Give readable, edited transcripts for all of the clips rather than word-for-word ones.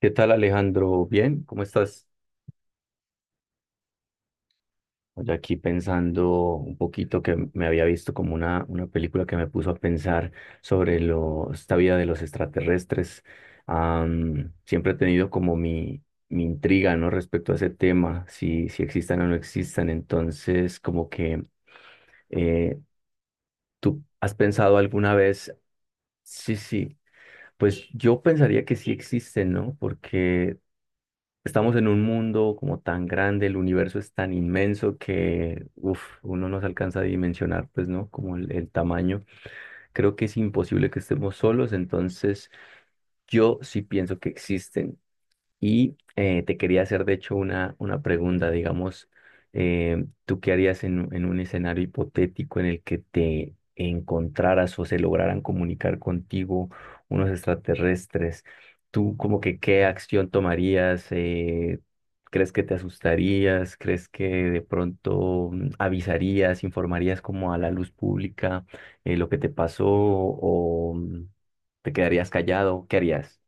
¿Qué tal, Alejandro? Bien, ¿cómo estás? Oye, aquí pensando un poquito que me había visto como una película que me puso a pensar sobre lo, esta vida de los extraterrestres. Siempre he tenido como mi intriga, ¿no? Respecto a ese tema, si existan o no existan. Entonces, como que eh, tú has pensado alguna vez, sí, sí, pues yo pensaría que sí existen, ¿no? Porque estamos en un mundo como tan grande, el universo es tan inmenso que uf, uno no se alcanza a dimensionar, pues, ¿no? Como el tamaño. Creo que es imposible que estemos solos, entonces yo sí pienso que existen. Y te quería hacer, de hecho, una pregunta, digamos, ¿tú qué harías en un escenario hipotético en el que te encontraras o se lograran comunicar contigo unos extraterrestres? ¿Tú como que qué acción tomarías? ¿Crees que te asustarías? ¿Crees que de pronto avisarías, informarías como a la luz pública lo que te pasó o te quedarías callado? ¿Qué harías?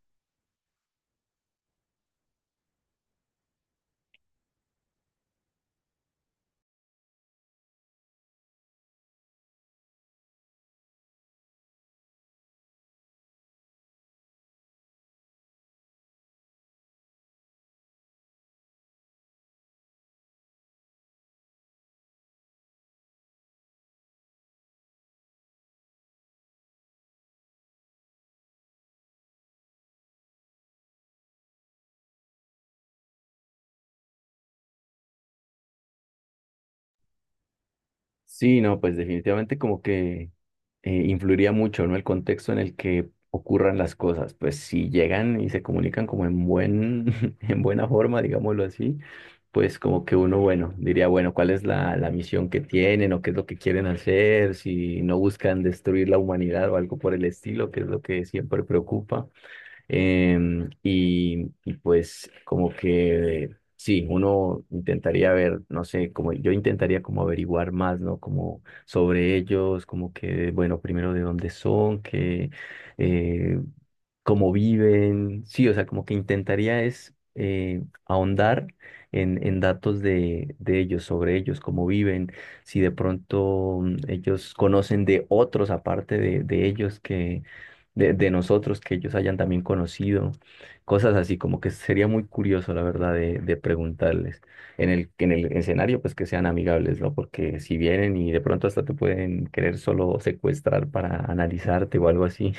Sí, no, pues definitivamente como que influiría mucho, ¿no? El contexto en el que ocurran las cosas. Pues si llegan y se comunican como en buen, en buena forma, digámoslo así, pues como que uno, bueno, diría, bueno, ¿cuál es la misión que tienen o qué es lo que quieren hacer? Si no buscan destruir la humanidad o algo por el estilo, que es lo que siempre preocupa. Y pues como que sí, uno intentaría ver, no sé, como yo intentaría como averiguar más, ¿no? Como sobre ellos, como que, bueno, primero de dónde son, que eh, cómo viven, sí, o sea, como que intentaría es ahondar en datos de ellos, sobre ellos, cómo viven, si de pronto ellos conocen de otros aparte de ellos que, de nosotros, que ellos hayan también conocido, cosas así, como que sería muy curioso, la verdad, de preguntarles. En el escenario, pues que sean amigables, ¿no? Porque si vienen y de pronto hasta te pueden querer solo secuestrar para analizarte o algo así.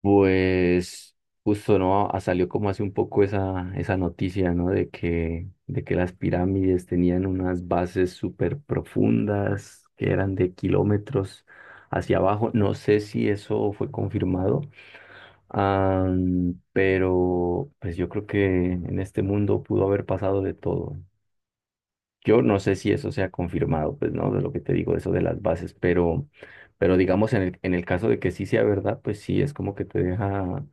Pues justo no, ah, salió como hace un poco esa noticia, ¿no? De que las pirámides tenían unas bases súper profundas que eran de kilómetros hacia abajo. No sé si eso fue confirmado, pero pues yo creo que en este mundo pudo haber pasado de todo. Yo no sé si eso sea confirmado, pues no, de lo que te digo, eso de las bases, pero digamos en el caso de que sí sea verdad, pues sí es como que te deja,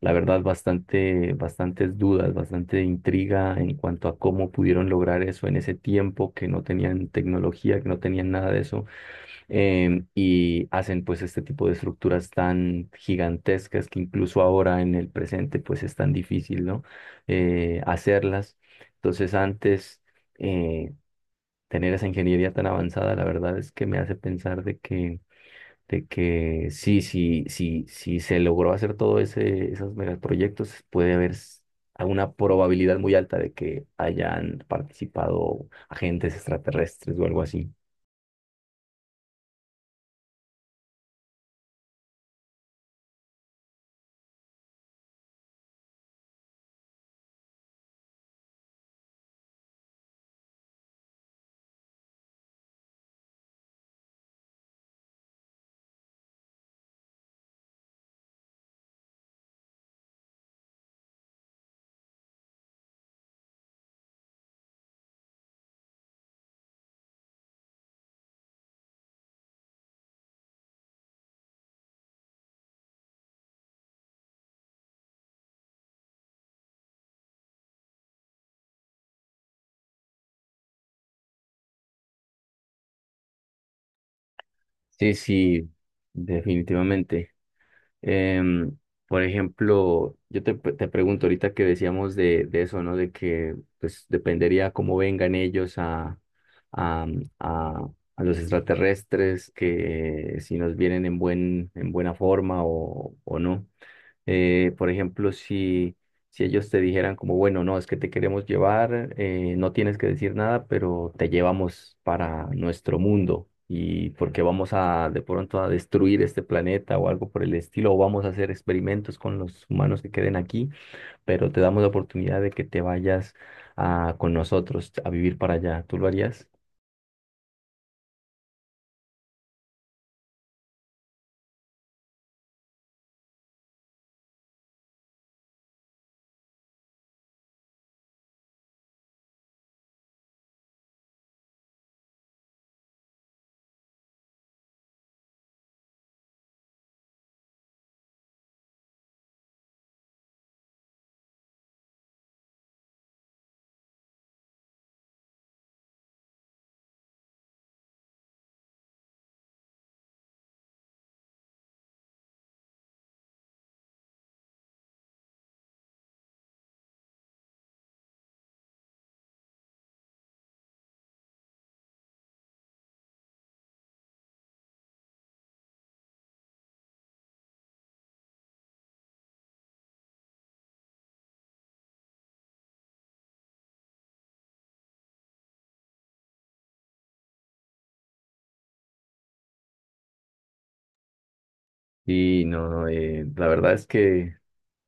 la verdad, bastante, bastantes dudas, bastante intriga en cuanto a cómo pudieron lograr eso en ese tiempo, que no tenían tecnología, que no tenían nada de eso, y hacen pues este tipo de estructuras tan gigantescas que incluso ahora en el presente pues es tan difícil, ¿no? Hacerlas. Entonces antes... eh, tener esa ingeniería tan avanzada, la verdad es que me hace pensar de que sí se logró hacer todo esos megaproyectos, a una probabilidad muy alta de que hayan participado agentes extraterrestres o algo así. Sí, sí, definitivamente. Em, por ejemplo, yo te pregunto ahorita que decíamos de eso, ¿no? De que pues dependería cómo vengan ellos a, a, a los extraterrestres, que si nos vienen en buen, en buena forma o no. Por ejemplo, si, si ellos te dijeran como, bueno, no, es que te queremos llevar, no tienes que decir nada, pero te llevamos para nuestro mundo y porque vamos a de pronto a destruir este planeta o algo por el estilo, o vamos a hacer experimentos con los humanos que queden aquí, pero te damos la oportunidad de que te vayas a, con nosotros a vivir para allá. ¿Tú lo harías? Sí, no, no, la verdad es que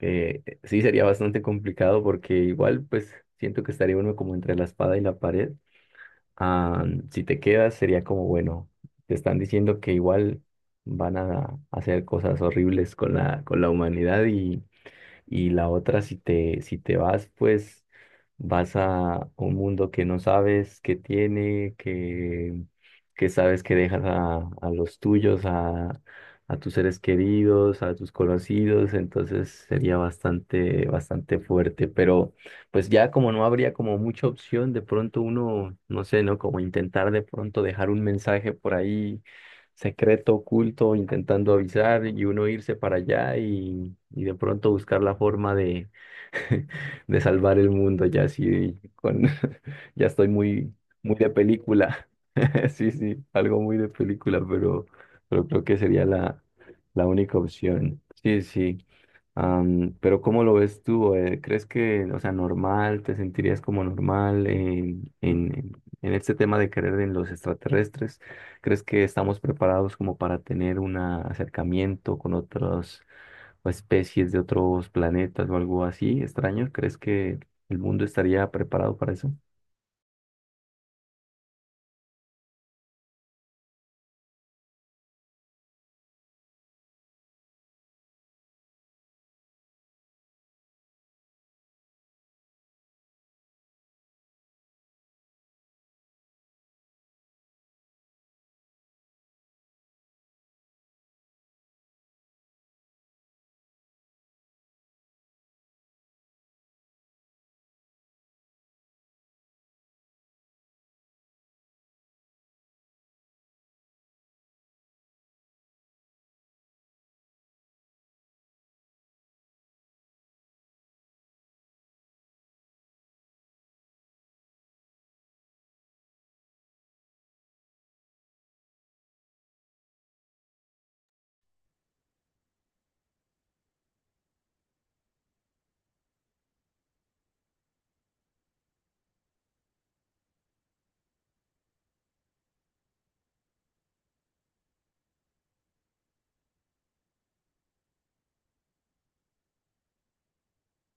sí sería bastante complicado porque igual pues siento que estaría uno como entre la espada y la pared. Ah, si te quedas sería como, bueno, te están diciendo que igual van a hacer cosas horribles con la humanidad y la otra, si te, si te vas, pues vas a un mundo que no sabes que tiene, que sabes que dejas a los tuyos, a tus seres queridos, a tus conocidos, entonces sería bastante, bastante fuerte, pero pues ya como no habría como mucha opción, de pronto uno, no sé, ¿no? Como intentar de pronto dejar un mensaje por ahí secreto, oculto, intentando avisar y uno irse para allá y de pronto buscar la forma de, de salvar el mundo, ya así con, ya estoy muy, muy de película. Sí, sí, algo muy de película, pero creo que sería la única opción. Sí, sí. Pero ¿cómo lo ves tú? ¿Crees que, o sea, normal, te sentirías como normal en este tema de creer en los extraterrestres? ¿Crees que estamos preparados como para tener un acercamiento con otras o especies de otros planetas o algo así extraño? ¿Crees que el mundo estaría preparado para eso?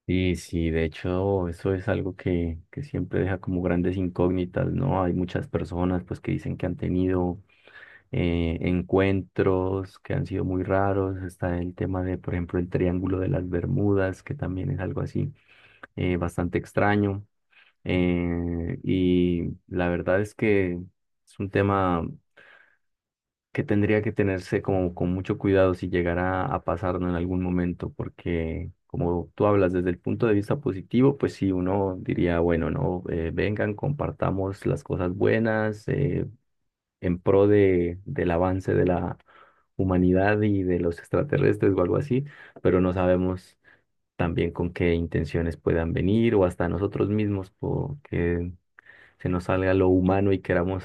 Sí, sí, de hecho, eso es algo que siempre deja como grandes incógnitas, ¿no? Hay muchas personas pues que dicen que han tenido encuentros que han sido muy raros. Está el tema de, por ejemplo, el Triángulo de las Bermudas, que también es algo así bastante extraño. Y la verdad es que es un tema que tendría que tenerse como con mucho cuidado si llegara a pasarnos en algún momento, porque como tú hablas desde el punto de vista positivo, pues sí, uno diría, bueno, no, eh, vengan, compartamos las cosas buenas, en pro de, del avance de la humanidad y de los extraterrestres o algo así, pero no sabemos también con qué intenciones puedan venir o hasta nosotros mismos porque se nos salga lo humano y queramos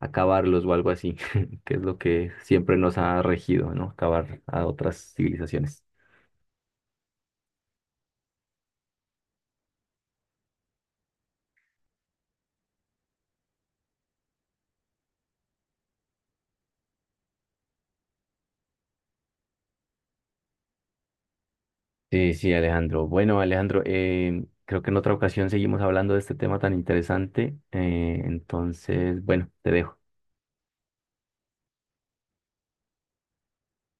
acabarlos o algo así, que es lo que siempre nos ha regido, ¿no? Acabar a otras civilizaciones. Sí, sí, Alejandro. Bueno, Alejandro, creo que en otra ocasión seguimos hablando de este tema tan interesante. Entonces, bueno, te dejo.